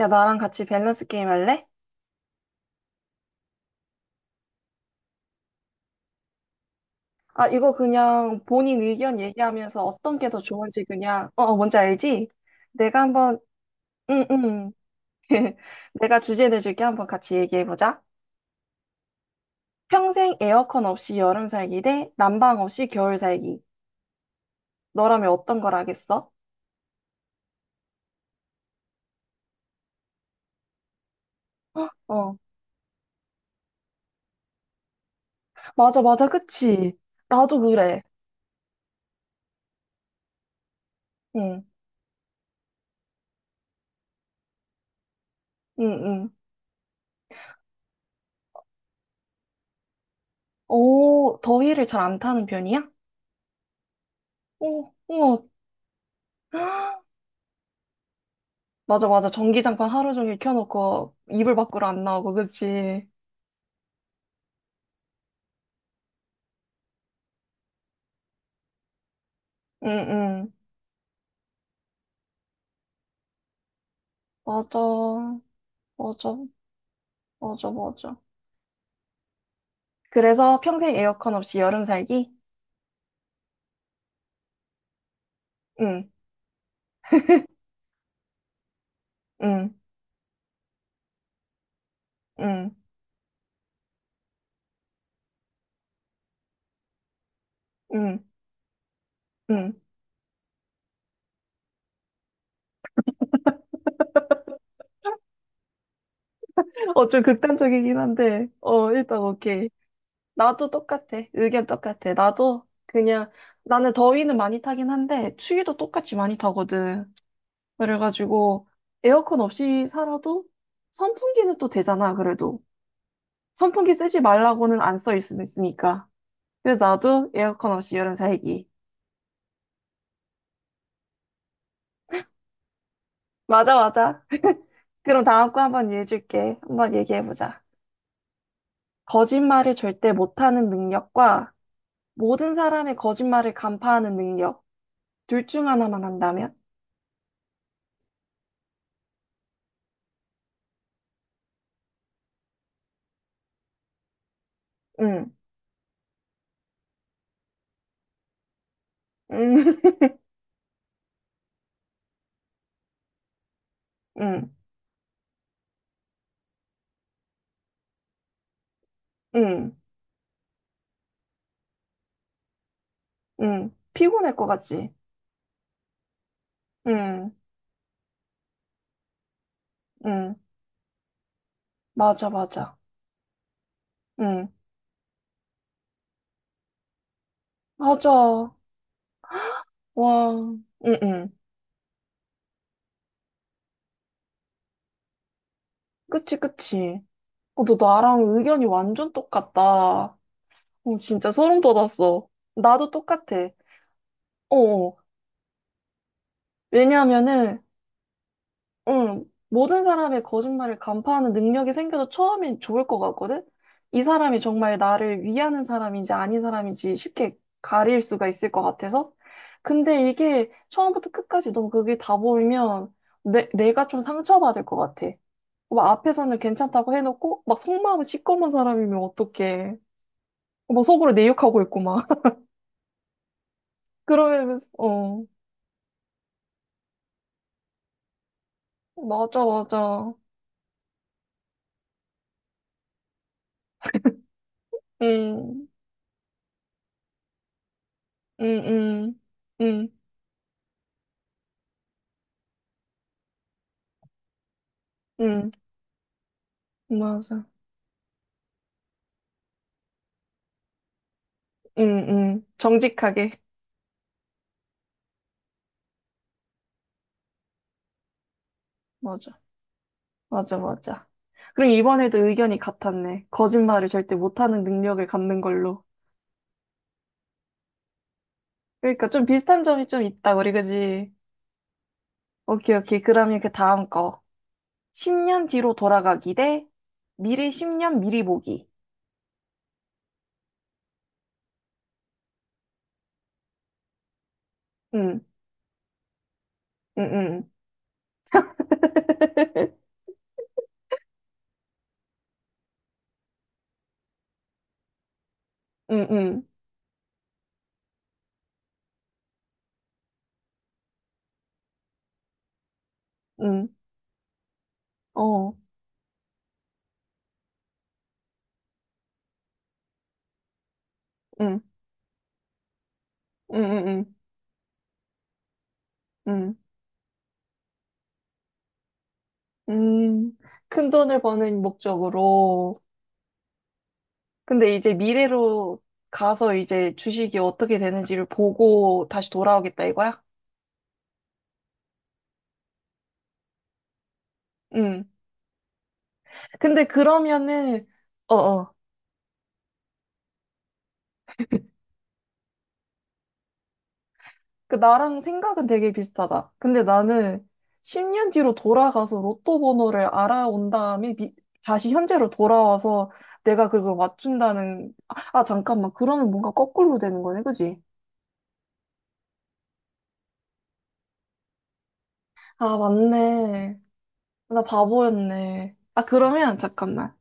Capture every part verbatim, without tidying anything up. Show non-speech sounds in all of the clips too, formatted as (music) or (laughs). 야, 나랑 같이 밸런스 게임 할래? 아, 이거 그냥 본인 의견 얘기하면서 어떤 게 더 좋은지 그냥, 어, 어, 뭔지 알지? 내가 한번, 응, 응. (laughs) 내가 주제 내줄게. 한번 같이 얘기해보자. 평생 에어컨 없이 여름 살기 대 난방 없이 겨울 살기. 너라면 어떤 걸 하겠어? (gasps) 어, 맞아, 맞아, 그치? 나도 그래. 응, 응, 응. 오, 더위를 잘 안 타는 편이야? 오, 우와. (gasps) 맞아, 맞아. 전기장판 하루 종일 켜놓고 이불 밖으로 안 나오고, 그치? 응, 응. 맞아. 맞아. 맞아, 맞아. 그래서 평생 에어컨 없이 여름 살기? 응, 응, 응, 응, 응. 어, 좀 극단적이긴 한데, 어, 일단 오케이. 나도 똑같아. 의견 똑같아. 나도 그냥, 나는 더위는 많이 타긴 한데, 추위도 똑같이 많이 타거든. 그래가지고, 에어컨 없이 살아도 선풍기는 또 되잖아, 그래도. 선풍기 쓰지 말라고는 안 써 있으니까. 그래서 나도 에어컨 없이 여름 살기. 맞아, 맞아. 그럼 다음 거 한번 얘기해줄게. 한번 얘기해보자. 거짓말을 절대 못하는 능력과 모든 사람의 거짓말을 간파하는 능력. 둘 중 하나만 한다면? 응, 응, (laughs) 응, 응, 응. 피곤할 것 같지? 응, 응. 맞아, 맞아. 응, 맞아. 와, 응, 응. 그치, 그치. 어, 너 나랑 의견이 완전 똑같다. 어, 진짜 소름 돋았어. 나도 똑같아. 어, 어. 왜냐하면은, 응, 모든 사람의 거짓말을 간파하는 능력이 생겨서 처음엔 좋을 것 같거든? 이 사람이 정말 나를 위하는 사람인지 아닌 사람인지 쉽게 가릴 수가 있을 것 같아서. 근데 이게 처음부터 끝까지 너무 그게 다 보이면 내, 내가 좀 상처받을 것 같아. 막 앞에서는 괜찮다고 해놓고, 막 속마음은 시꺼먼 사람이면 어떡해. 막 속으로 내 욕하고 있고 막. (laughs) 그러면, 어. 맞아, 맞아. 응, 응, 응, 응, 응, 맞아. 응, 응. 정직하게. 맞아. 맞아, 맞아. 그럼 이번에도 의견이 같았네. 거짓말을 절대 못하는 능력을 갖는 걸로. 그러니까 좀 비슷한 점이 좀 있다, 우리 그지? 오케이, 오케이. 그러면 그 다음 거. 십 년 뒤로 돌아가기 대 미래 십 년 미리 보기. 응, 응, 응. (laughs) 응, 응, 응, 어, 응, 응, 응, 응, 응, 음, 큰 돈을 버는 목적으로, 근데 이제 미래로 가서 이제 주식이 어떻게 되는지를 보고 다시 돌아오겠다 이거야? 음. 근데 그러면은, 어어. 그 나랑 생각은 되게 비슷하다. 근데 나는 십 년 뒤로 돌아가서 로또 번호를 알아온 다음에 미- 다시 현재로 돌아와서 내가 그걸 맞춘다는, 아, 아, 잠깐만. 그러면 뭔가 거꾸로 되는 거네, 그지? 아, 맞네. 나 바보였네. 아, 그러면 잠깐만.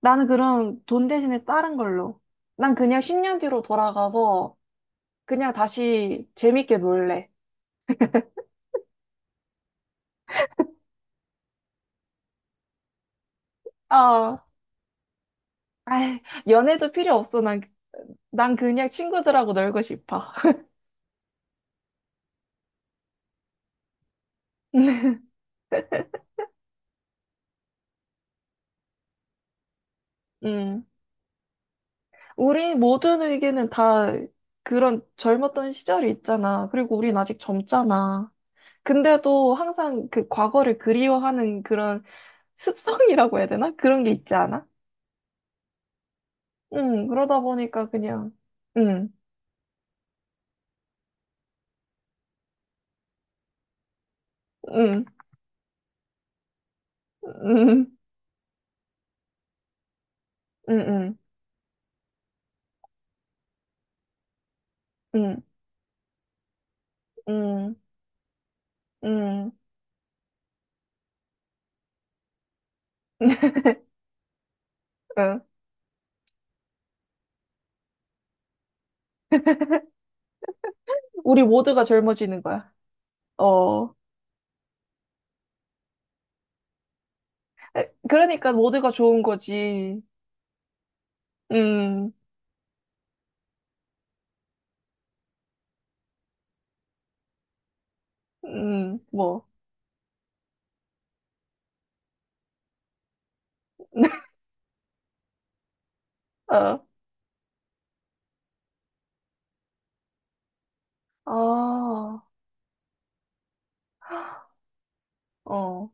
나는 그럼 돈 대신에 다른 걸로. 난 그냥 십 년 뒤로 돌아가서 그냥 다시 재밌게 놀래. 아, 아이, 연애도 필요 없어. 난, 난 그냥 친구들하고 놀고 싶어. (laughs) 음. 우리 모든 의견은 다 그런 젊었던 시절이 있잖아. 그리고 우린 아직 젊잖아. 근데도 항상 그 과거를 그리워하는 그런 습성이라고 해야 되나? 그런 게 있지 않아? 응, 그러다 보니까 그냥, 응, 응, 응, 응, 응. 응, 응, 응, 응. 우리 모두가 젊어지는 거야. 어. 에, 그러니까 모두가 좋은 거지. 음, 음, 뭐. (laughs) 어, 아, 어,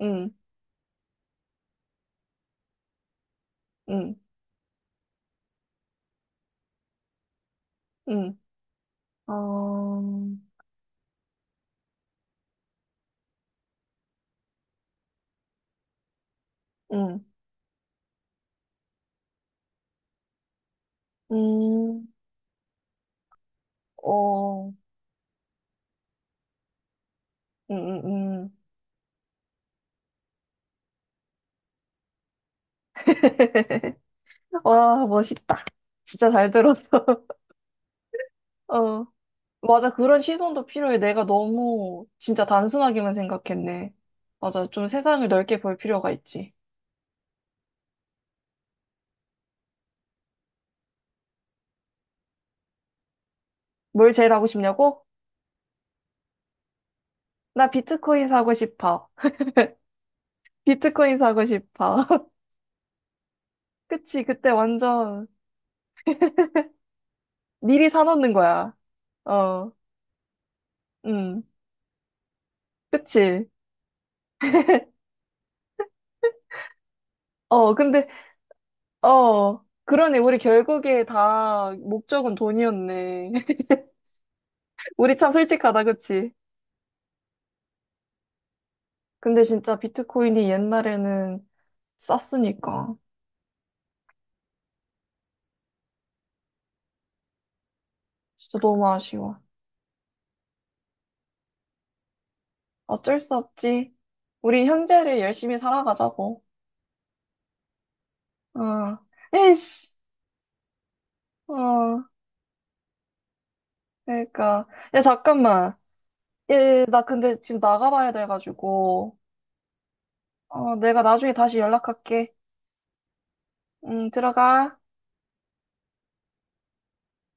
음, 음, 음, 어, 음, 음, 어, 음, 음, 음. (laughs) 와, 멋있다. 진짜 잘 들었어. (laughs) 어. 맞아, 그런 시선도 필요해. 내가 너무 진짜 단순하게만 생각했네. 맞아, 좀 세상을 넓게 볼 필요가 있지. 뭘 제일 하고 싶냐고? 나 비트코인 사고 싶어. (laughs) 비트코인 사고 싶어. (laughs) 그치, 그때 완전 미리 사놓는 거야. 어, 음, 그치. 어, 근데, 어, 그러네. 우리 결국에 다 목적은 돈이었네. (laughs) 우리 참 솔직하다, 그치? 근데 진짜 비트코인이 옛날에는 쌌으니까. 진짜 너무 아쉬워. 어쩔 수 없지. 우리 현재를 열심히 살아가자고. 어. 에이씨. 어. 그러니까. 야, 잠깐만. 예, 나 근데 지금 나가봐야 돼가지고. 어, 내가 나중에 다시 연락할게. 응, 들어가.